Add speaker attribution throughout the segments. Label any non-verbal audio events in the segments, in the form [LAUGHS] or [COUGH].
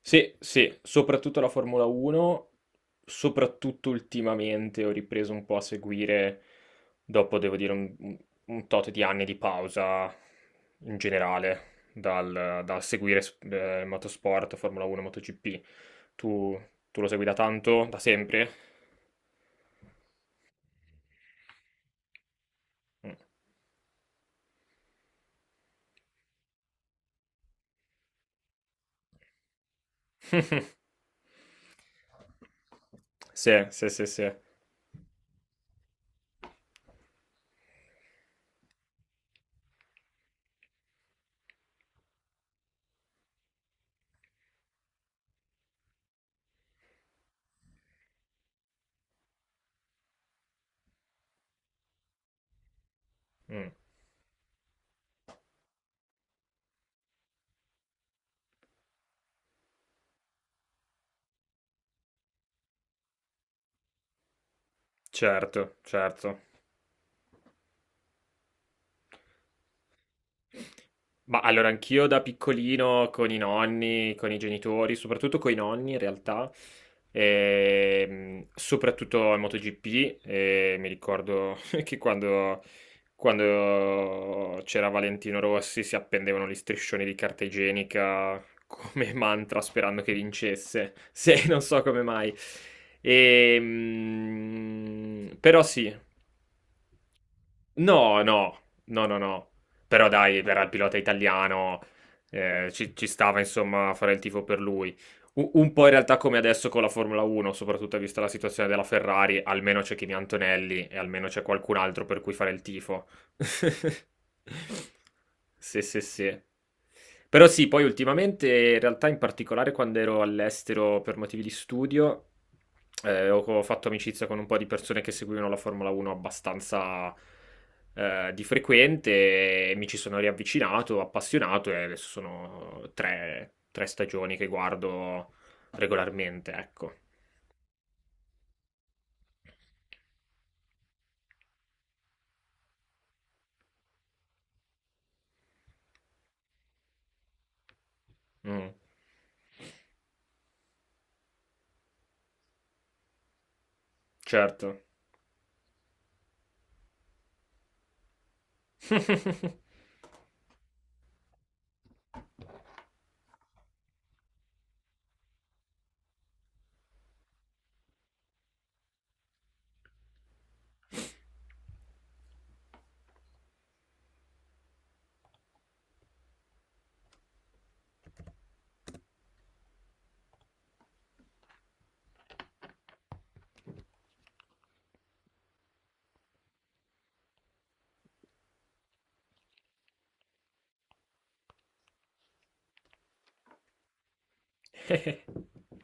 Speaker 1: Sì, sì, soprattutto la Formula 1, soprattutto ultimamente ho ripreso un po' a seguire, dopo devo dire un tot di anni di pausa in generale, dal seguire motorsport, Formula 1, MotoGP. Tu, tu lo segui da tanto, da sempre? Mm. [LAUGHS] Sì, sì, sì, sì. Mm. Certo, certo. Ma allora anch'io da piccolino con i nonni, con i genitori, soprattutto coi nonni in realtà, soprattutto al MotoGP, mi ricordo [LAUGHS] che quando c'era Valentino Rossi si appendevano gli striscioni di carta igienica come [LAUGHS] mantra sperando che vincesse, [LAUGHS] se non so come mai. Però sì. No, no, no, no, no. Però dai, era il pilota italiano, ci stava insomma fare il tifo per lui. Un po' in realtà come adesso con la Formula 1, soprattutto vista la situazione della Ferrari, almeno c'è Kimi Antonelli e almeno c'è qualcun altro per cui fare il tifo. Sì, sì, sì. Però sì, poi ultimamente, in realtà, in particolare quando ero all'estero per motivi di studio, ho fatto amicizia con un po' di persone che seguivano la Formula 1 abbastanza di frequente e mi ci sono riavvicinato, appassionato e adesso sono tre stagioni che guardo regolarmente, ecco. Mm, certo. [LAUGHS]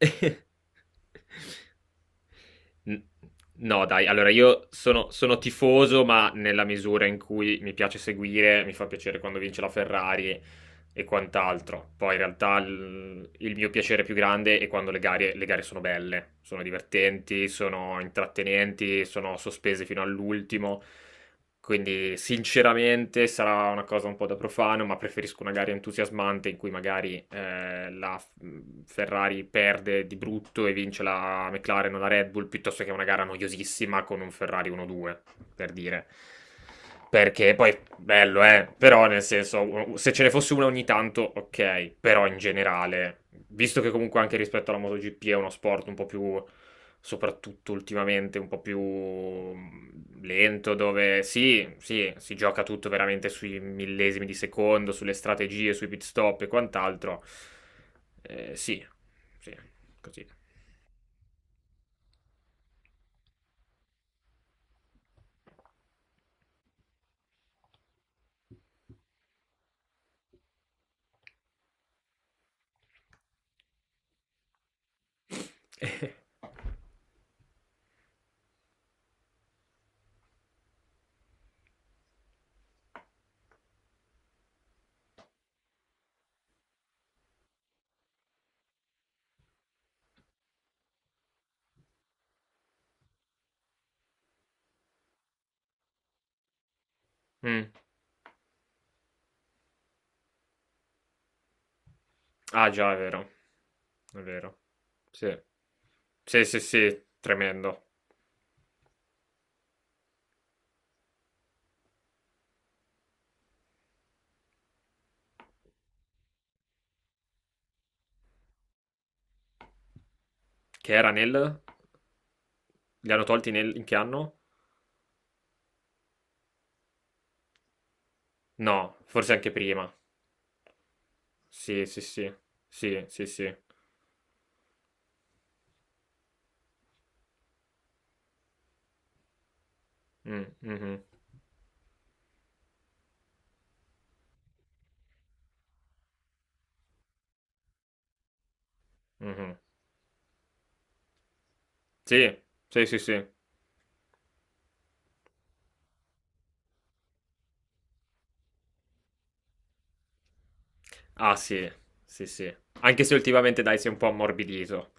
Speaker 1: [LAUGHS] N- No, dai, allora io sono tifoso, ma nella misura in cui mi piace seguire, mi fa piacere quando vince la Ferrari e quant'altro. Poi in realtà il mio piacere più grande è quando le gare sono belle, sono divertenti, sono intrattenenti, sono sospese fino all'ultimo. Quindi sinceramente sarà una cosa un po' da profano, ma preferisco una gara entusiasmante in cui magari la Ferrari perde di brutto e vince la McLaren o la Red Bull piuttosto che una gara noiosissima con un Ferrari 1-2, per dire. Perché poi bello, però nel senso, se ce ne fosse una ogni tanto, ok, però in generale, visto che comunque anche rispetto alla MotoGP è uno sport un po' più soprattutto ultimamente un po' più lento, dove sì, sì, si gioca tutto veramente sui millesimi di secondo, sulle strategie, sui pit stop e quant'altro. Sì, sì, così. [LAUGHS] Mm. Ah, già, è vero, è vero. Sì, sì, sì, sì, tremendo. Che era nel. Li hanno tolti in che anno? No, forse anche prima. Sì, sì, sì, sì, sì, sì. Mh-mh, mh-mh. Sì, sì, sì, sì. Ah sì, sì, sì. Anche se ultimamente dai si è un po' ammorbidito.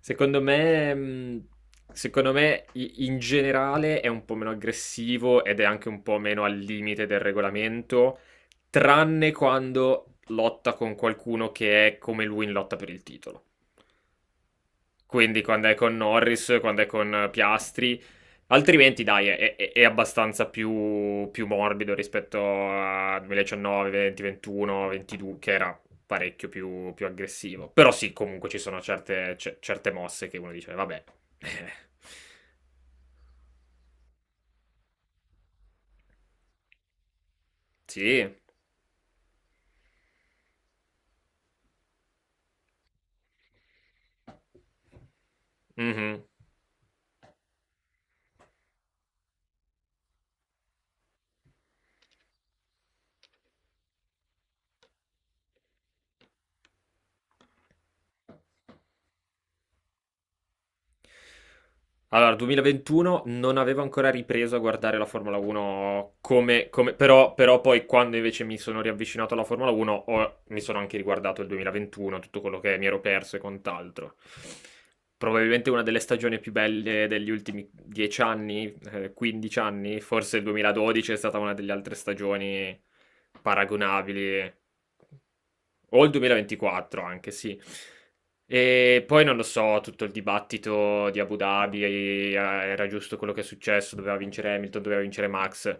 Speaker 1: Secondo me mhmm, secondo me i in generale è un po' meno aggressivo ed è anche un po' meno al limite del regolamento, tranne quando lotta con qualcuno che è come lui in lotta per il titolo. Quindi quando è con Norris, quando è con Piastri. Altrimenti, dai, è abbastanza più, più, morbido rispetto a 2019, 20, 21, 22, che era parecchio più aggressivo. Però sì, comunque ci sono certe mosse che uno dice, vabbè. [LAUGHS] Sì. Mhm. Allora, 2021 non avevo ancora ripreso a guardare la Formula 1 però poi quando invece mi sono riavvicinato alla Formula 1 mi sono anche riguardato il 2021, tutto quello che mi ero perso e quant'altro. Probabilmente una delle stagioni più belle degli ultimi 10 anni, 15 anni, forse il 2012 è stata una delle altre stagioni paragonabili o il 2024 anche, sì. E poi non lo so, tutto il dibattito di Abu Dhabi, era giusto quello che è successo, doveva vincere Hamilton, doveva vincere Max,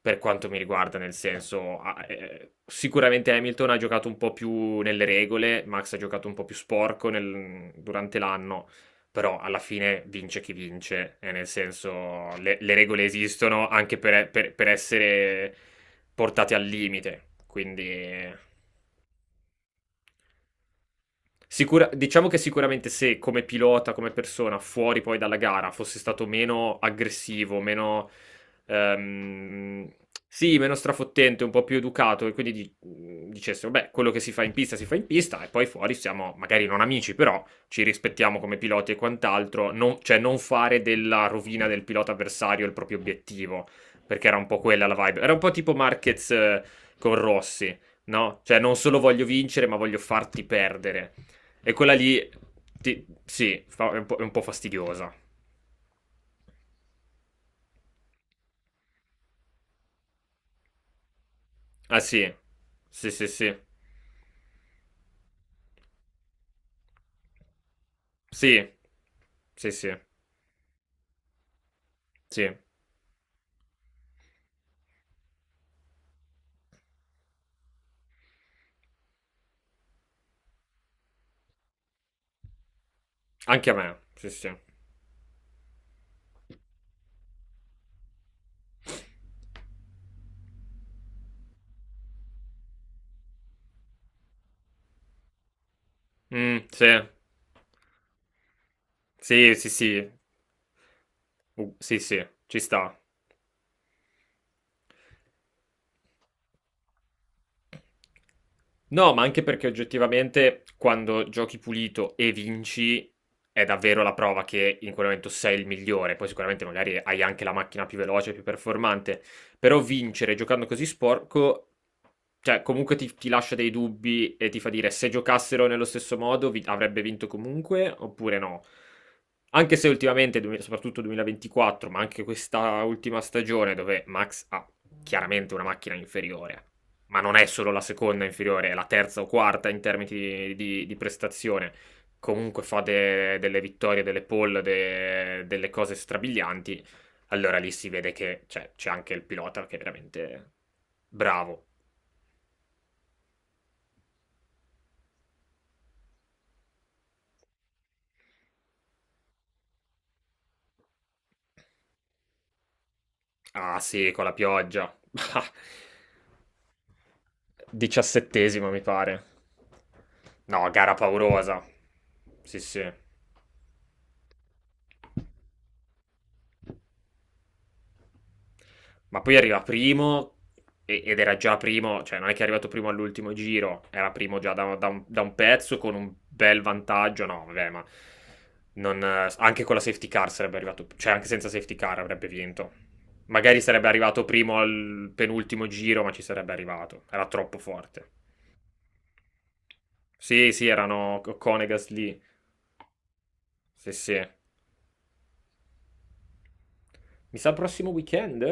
Speaker 1: per quanto mi riguarda, nel senso, sicuramente Hamilton ha giocato un po' più nelle regole, Max ha giocato un po' più sporco durante l'anno, però alla fine vince chi vince, nel senso, le regole esistono anche per essere portate al limite, quindi. Sicura diciamo che sicuramente se come pilota, come persona, fuori poi dalla gara, fosse stato meno aggressivo, meno, ehm, sì, meno strafottente, un po' più educato, e quindi dicesse, vabbè, quello che si fa in pista si fa in pista, e poi fuori siamo magari non amici, però ci rispettiamo come piloti e quant'altro, non- cioè non fare della rovina del pilota avversario il proprio obiettivo, perché era un po' quella la vibe. Era un po' tipo Marquez con Rossi, no? Cioè non solo voglio vincere, ma voglio farti perdere. E quella lì, ti- sì, fa- è un po' fastidiosa. Ah sì, sì, sì, sì, sì, sì, sì, sì, anche a me, sì, sì. Mm, sì, sì, sì, sì. Sì, sì, ci sta. No, ma anche perché oggettivamente quando giochi pulito e vinci è davvero la prova che in quel momento sei il migliore. Poi sicuramente magari hai anche la macchina più veloce, più performante, però vincere giocando così sporco, cioè comunque ti lascia dei dubbi e ti fa dire se giocassero nello stesso modo avrebbe vinto comunque oppure no. Anche se ultimamente, soprattutto 2024, ma anche questa ultima stagione dove Max ha chiaramente una macchina inferiore ma non è solo la seconda inferiore, è la terza o quarta in termini di prestazione. Comunque fa delle vittorie, delle pole, delle cose strabilianti. Allora lì si vede che cioè, c'è anche il pilota che è veramente bravo. Ah sì, con la pioggia. [LAUGHS] Diciassettesimo mi pare. No, gara paurosa. Sì, sì. Ma poi arriva primo ed era già primo, cioè non è che è arrivato primo all'ultimo giro, era primo già da un pezzo con un bel vantaggio, no, vabbè, ma non, anche con la safety car sarebbe arrivato, cioè anche senza safety car avrebbe vinto. Magari sarebbe arrivato primo al penultimo giro, ma ci sarebbe arrivato, era troppo forte. Sì, sì, erano Conegas lì, sì, sì. Mi sa prossimo weekend?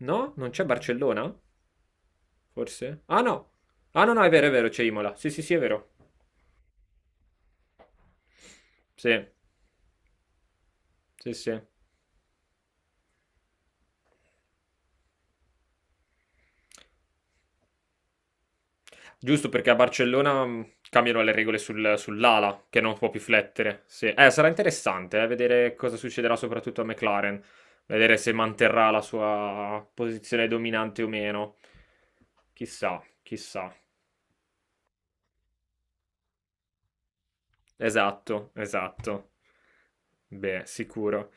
Speaker 1: No? Non c'è Barcellona? Forse? Ah no! Ah no, no, è vero, c'è Imola. Sì, sì, sì, è vero. Sì, sì, sì. Giusto perché a Barcellona cambiano le regole sull'ala, che non può più flettere. Sì. Sarà interessante vedere cosa succederà soprattutto a McLaren, vedere se manterrà la sua posizione dominante o meno. Chissà, chissà. Esatto, esatto. Beh, sicuro.